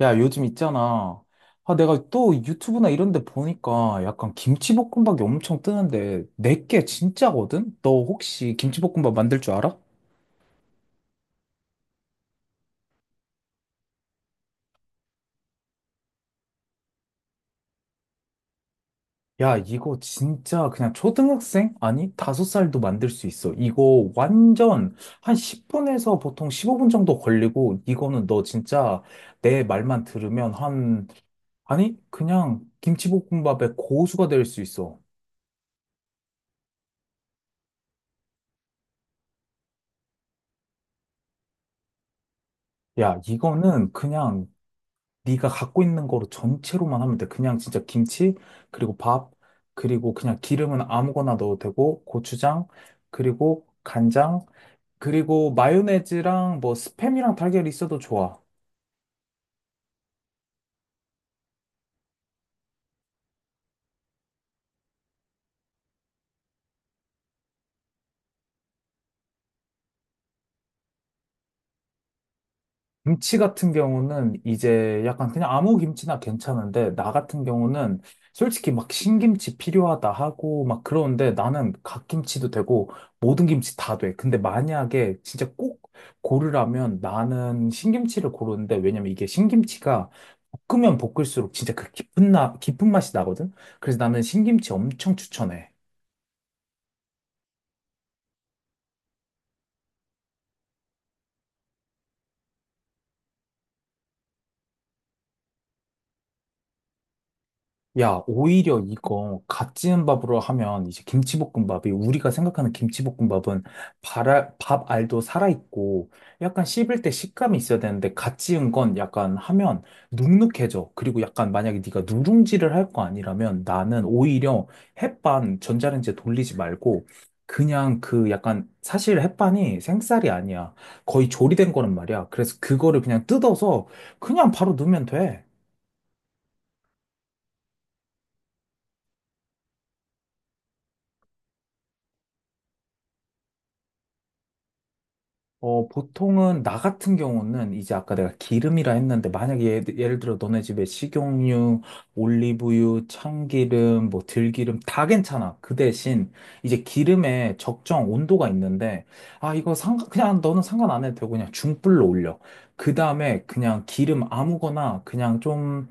야, 요즘 있잖아. 아, 내가 또 유튜브나 이런 데 보니까 약간 김치볶음밥이 엄청 뜨는데 내게 진짜거든? 너 혹시 김치볶음밥 만들 줄 알아? 야, 이거 진짜 그냥 초등학생? 아니, 다섯 살도 만들 수 있어. 이거 완전 한 10분에서 보통 15분 정도 걸리고 이거는 너 진짜 내 말만 들으면 한 아니, 그냥 김치볶음밥의 고수가 될 수 있어. 야, 이거는 그냥 네가 갖고 있는 거로 전체로만 하면 돼. 그냥 진짜 김치, 그리고 밥, 그리고 그냥 기름은 아무거나 넣어도 되고, 고추장, 그리고 간장, 그리고 마요네즈랑 뭐 스팸이랑 달걀이 있어도 좋아. 김치 같은 경우는 이제 약간 그냥 아무 김치나 괜찮은데, 나 같은 경우는 솔직히 막 신김치 필요하다 하고 막 그러는데 나는 갓김치도 되고 모든 김치 다 돼. 근데 만약에 진짜 꼭 고르라면 나는 신김치를 고르는데 왜냐면 이게 신김치가 볶으면 볶을수록 진짜 그 깊은 맛이 나거든? 그래서 나는 신김치 엄청 추천해. 야, 오히려 이거 갓 지은 밥으로 하면 이제 김치볶음밥이 우리가 생각하는 김치볶음밥은 밥 알도 살아있고 약간 씹을 때 식감이 있어야 되는데 갓 지은 건 약간 하면 눅눅해져. 그리고 약간 만약에 네가 누룽지를 할 거 아니라면 나는 오히려 햇반 전자레인지에 돌리지 말고 그냥 그 약간 사실 햇반이 생쌀이 아니야. 거의 조리된 거란 말이야. 그래서 그거를 그냥 뜯어서 그냥 바로 넣으면 돼. 어, 보통은, 나 같은 경우는, 이제 아까 내가 기름이라 했는데, 만약에 예를 들어 너네 집에 식용유, 올리브유, 참기름, 뭐 들기름, 다 괜찮아. 그 대신, 이제 기름에 적정 온도가 있는데, 아, 그냥 너는 상관 안 해도 되고, 그냥 중불로 올려. 그 다음에 그냥 기름 아무거나, 그냥 좀,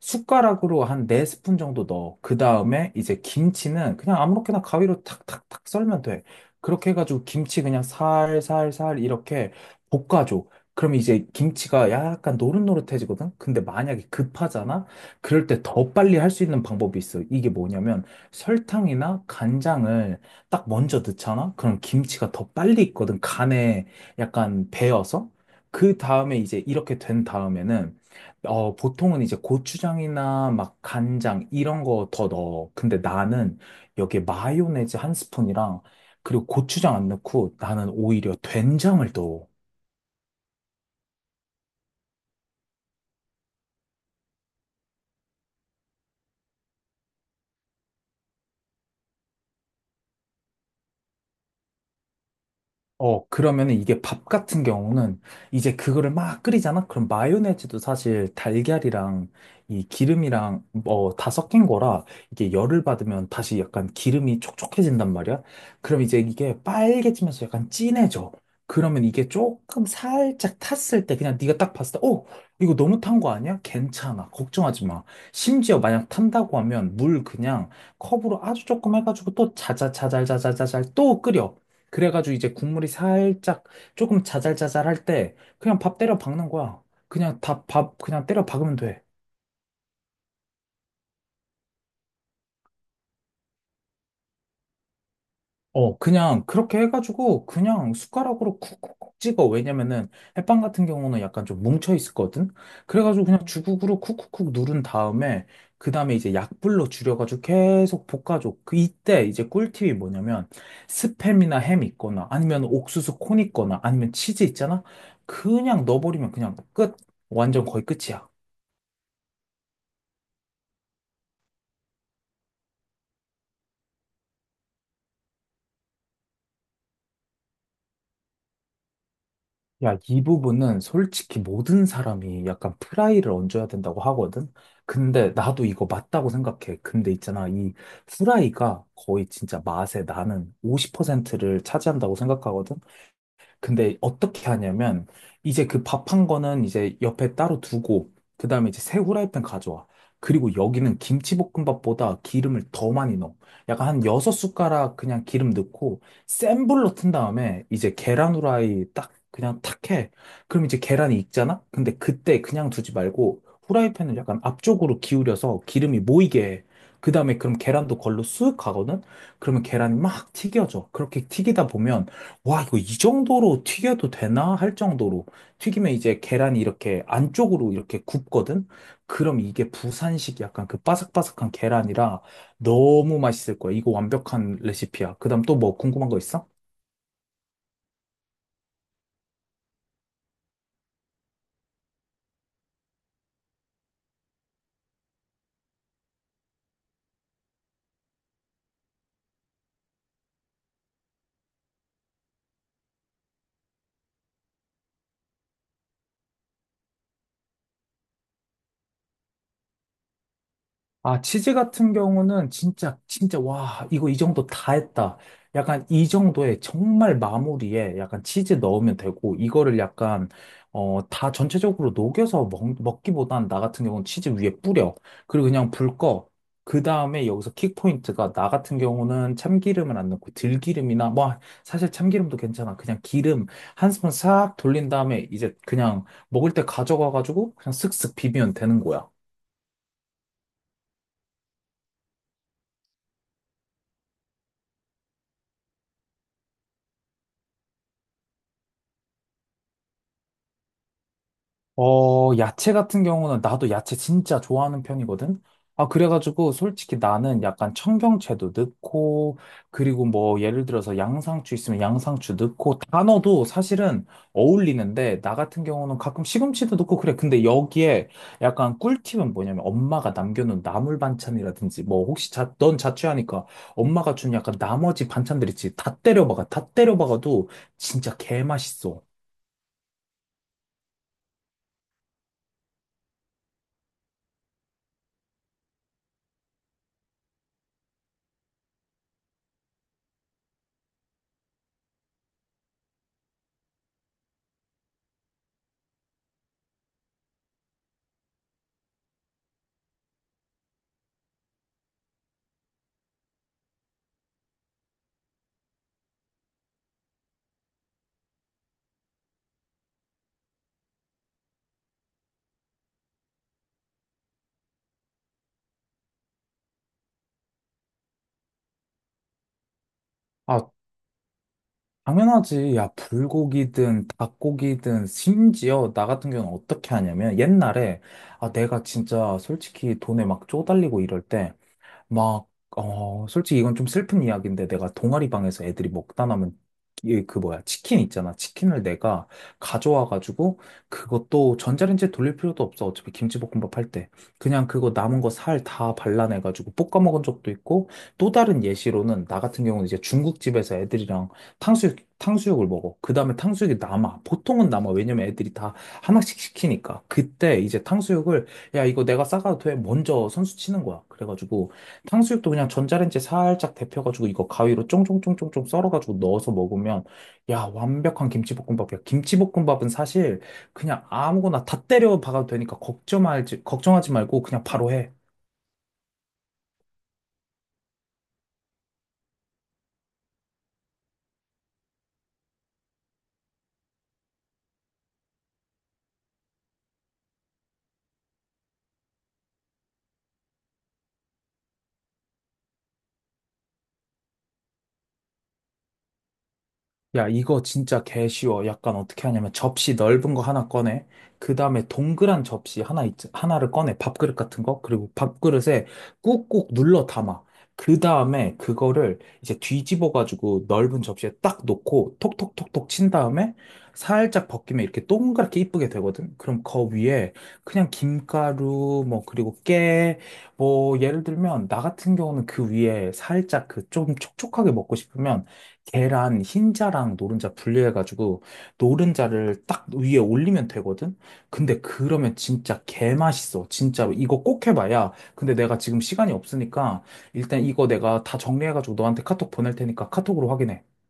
숟가락으로 한 4스푼 정도 넣어. 그 다음에 이제 김치는 그냥 아무렇게나 가위로 탁탁탁 썰면 돼. 그렇게 해가지고 김치 그냥 살살살 이렇게 볶아줘. 그럼 이제 김치가 약간 노릇노릇해지거든? 근데 만약에 급하잖아? 그럴 때 더 빨리 할 수 있는 방법이 있어. 이게 뭐냐면 설탕이나 간장을 딱 먼저 넣잖아? 그럼 김치가 더 빨리 익거든. 간에 약간 배어서. 그 다음에 이제 이렇게 된 다음에는 어, 보통은 이제 고추장이나 막 간장 이런 거 더 넣어. 근데 나는 여기에 마요네즈 한 스푼이랑 그리고 고추장 안 넣고 나는 오히려 된장을 또 어, 그러면은 이게 밥 같은 경우는 이제 그거를 막 끓이잖아? 그럼 마요네즈도 사실 달걀이랑 이 기름이랑 뭐 다 섞인 거라 이게 열을 받으면 다시 약간 기름이 촉촉해진단 말이야? 그럼 이제 이게 빨개지면서 약간 진해져. 그러면 이게 조금 살짝 탔을 때 그냥 네가 딱 봤을 때, 어, 이거 너무 탄 거 아니야? 괜찮아. 걱정하지 마. 심지어 만약 탄다고 하면 물 그냥 컵으로 아주 조금 해가지고 또 자자자잘자자자잘 또 끓여. 그래가지고 이제 국물이 살짝 조금 자잘자잘할 때 그냥 밥 때려 박는 거야. 그냥 다 밥 그냥 때려 박으면 돼. 어, 그냥 그렇게 해가지고 그냥 숟가락으로 쿡쿡쿡 찍어. 왜냐면은 햇반 같은 경우는 약간 좀 뭉쳐 있었거든. 그래가지고 그냥 주걱으로 쿡쿡쿡 누른 다음에 그 다음에 이제 약불로 줄여가지고 계속 볶아줘. 그 이때 이제 꿀팁이 뭐냐면 스팸이나 햄 있거나 아니면 옥수수 콘 있거나 아니면 치즈 있잖아. 그냥 넣어버리면 그냥 끝. 완전 거의 끝이야. 야, 이 부분은 솔직히 모든 사람이 약간 프라이를 얹어야 된다고 하거든? 근데 나도 이거 맞다고 생각해. 근데 있잖아, 이 프라이가 거의 진짜 맛의 나는 50%를 차지한다고 생각하거든? 근데 어떻게 하냐면 이제 그 밥한 거는 이제 옆에 따로 두고 그다음에 이제 새 후라이팬 가져와. 그리고 여기는 김치볶음밥보다 기름을 더 많이 넣어. 약간 한 여섯 숟가락 그냥 기름 넣고 센 불로 튼 다음에 이제 계란 후라이 딱 그냥 탁 해. 그럼 이제 계란이 익잖아? 근데 그때 그냥 두지 말고 후라이팬을 약간 앞쪽으로 기울여서 기름이 모이게 해. 그다음에 그럼 계란도 걸로 쑥 가거든? 그러면 계란이 막 튀겨져. 그렇게 튀기다 보면 와, 이거 이 정도로 튀겨도 되나? 할 정도로. 튀기면 이제 계란이 이렇게 안쪽으로 이렇게 굽거든? 그럼 이게 부산식 약간 그 바삭바삭한 계란이라 너무 맛있을 거야. 이거 완벽한 레시피야. 그 다음 또 뭐 궁금한 거 있어? 아, 치즈 같은 경우는 진짜, 진짜, 와, 이거 이 정도 다 했다. 약간 이 정도의 정말 마무리에 약간 치즈 넣으면 되고, 이거를 약간, 어, 다 전체적으로 녹여서 먹기보단 나 같은 경우는 치즈 위에 뿌려. 그리고 그냥 불 꺼. 그 다음에 여기서 킥포인트가 나 같은 경우는 참기름을 안 넣고 들기름이나, 뭐, 사실 참기름도 괜찮아. 그냥 기름 한 스푼 싹 돌린 다음에 이제 그냥 먹을 때 가져가가지고 그냥 슥슥 비비면 되는 거야. 어, 야채 같은 경우는 나도 야채 진짜 좋아하는 편이거든? 아, 그래가지고 솔직히 나는 약간 청경채도 넣고, 그리고 뭐 예를 들어서 양상추 있으면 양상추 넣고, 단어도 사실은 어울리는데, 나 같은 경우는 가끔 시금치도 넣고 그래. 근데 여기에 약간 꿀팁은 뭐냐면 엄마가 남겨놓은 나물 반찬이라든지, 뭐 혹시 자, 넌 자취하니까 엄마가 준 약간 나머지 반찬들 있지. 다 때려박아. 다 때려박아도 진짜 개맛있어. 아, 당연하지. 야, 불고기든 닭고기든 심지어 나 같은 경우는 어떻게 하냐면 옛날에 아, 내가 진짜 솔직히 돈에 막 쪼달리고 이럴 때 막, 어, 솔직히 이건 좀 슬픈 이야기인데 내가 동아리 방에서 애들이 먹다 남은 그 뭐야, 치킨 있잖아. 치킨을 내가 가져와가지고 그것도 전자레인지에 돌릴 필요도 없어. 어차피 김치볶음밥 할 때. 그냥 그거 남은 거 살 다 발라내가지고 볶아 먹은 적도 있고 또 다른 예시로는 나 같은 경우는 이제 중국집에서 애들이랑 탕수육을 먹어. 그 다음에 탕수육이 남아. 보통은 남아. 왜냐면 애들이 다 하나씩 시키니까. 그때 이제 탕수육을 야, 이거 내가 싸가도 돼. 먼저 선수 치는 거야. 그래가지고 탕수육도 그냥 전자레인지에 살짝 데펴가지고 이거 가위로 쫑쫑쫑쫑쫑 썰어가지고 넣어서 먹으면 야, 완벽한 김치볶음밥이야. 김치볶음밥은 사실 그냥 아무거나 다 때려 박아도 되니까 걱정하지 말고 그냥 바로 해. 야, 이거 진짜 개 쉬워. 약간 어떻게 하냐면 접시 넓은 거 하나 꺼내. 그 다음에 동그란 접시 하나를 꺼내. 밥그릇 같은 거. 그리고 밥그릇에 꾹꾹 눌러 담아. 그 다음에 그거를 이제 뒤집어가지고 넓은 접시에 딱 놓고 톡톡톡톡 친 다음에 살짝 벗기면 이렇게 동그랗게 이쁘게 되거든. 그럼 그 위에 그냥 김가루, 뭐, 그리고 깨, 뭐, 예를 들면 나 같은 경우는 그 위에 살짝 그 좀 촉촉하게 먹고 싶으면 계란 흰자랑 노른자 분리해가지고 노른자를 딱 위에 올리면 되거든? 근데 그러면 진짜 개맛있어. 진짜로. 이거 꼭 해봐야. 근데 내가 지금 시간이 없으니까 일단 이거 내가 다 정리해가지고 너한테 카톡 보낼 테니까 카톡으로 확인해.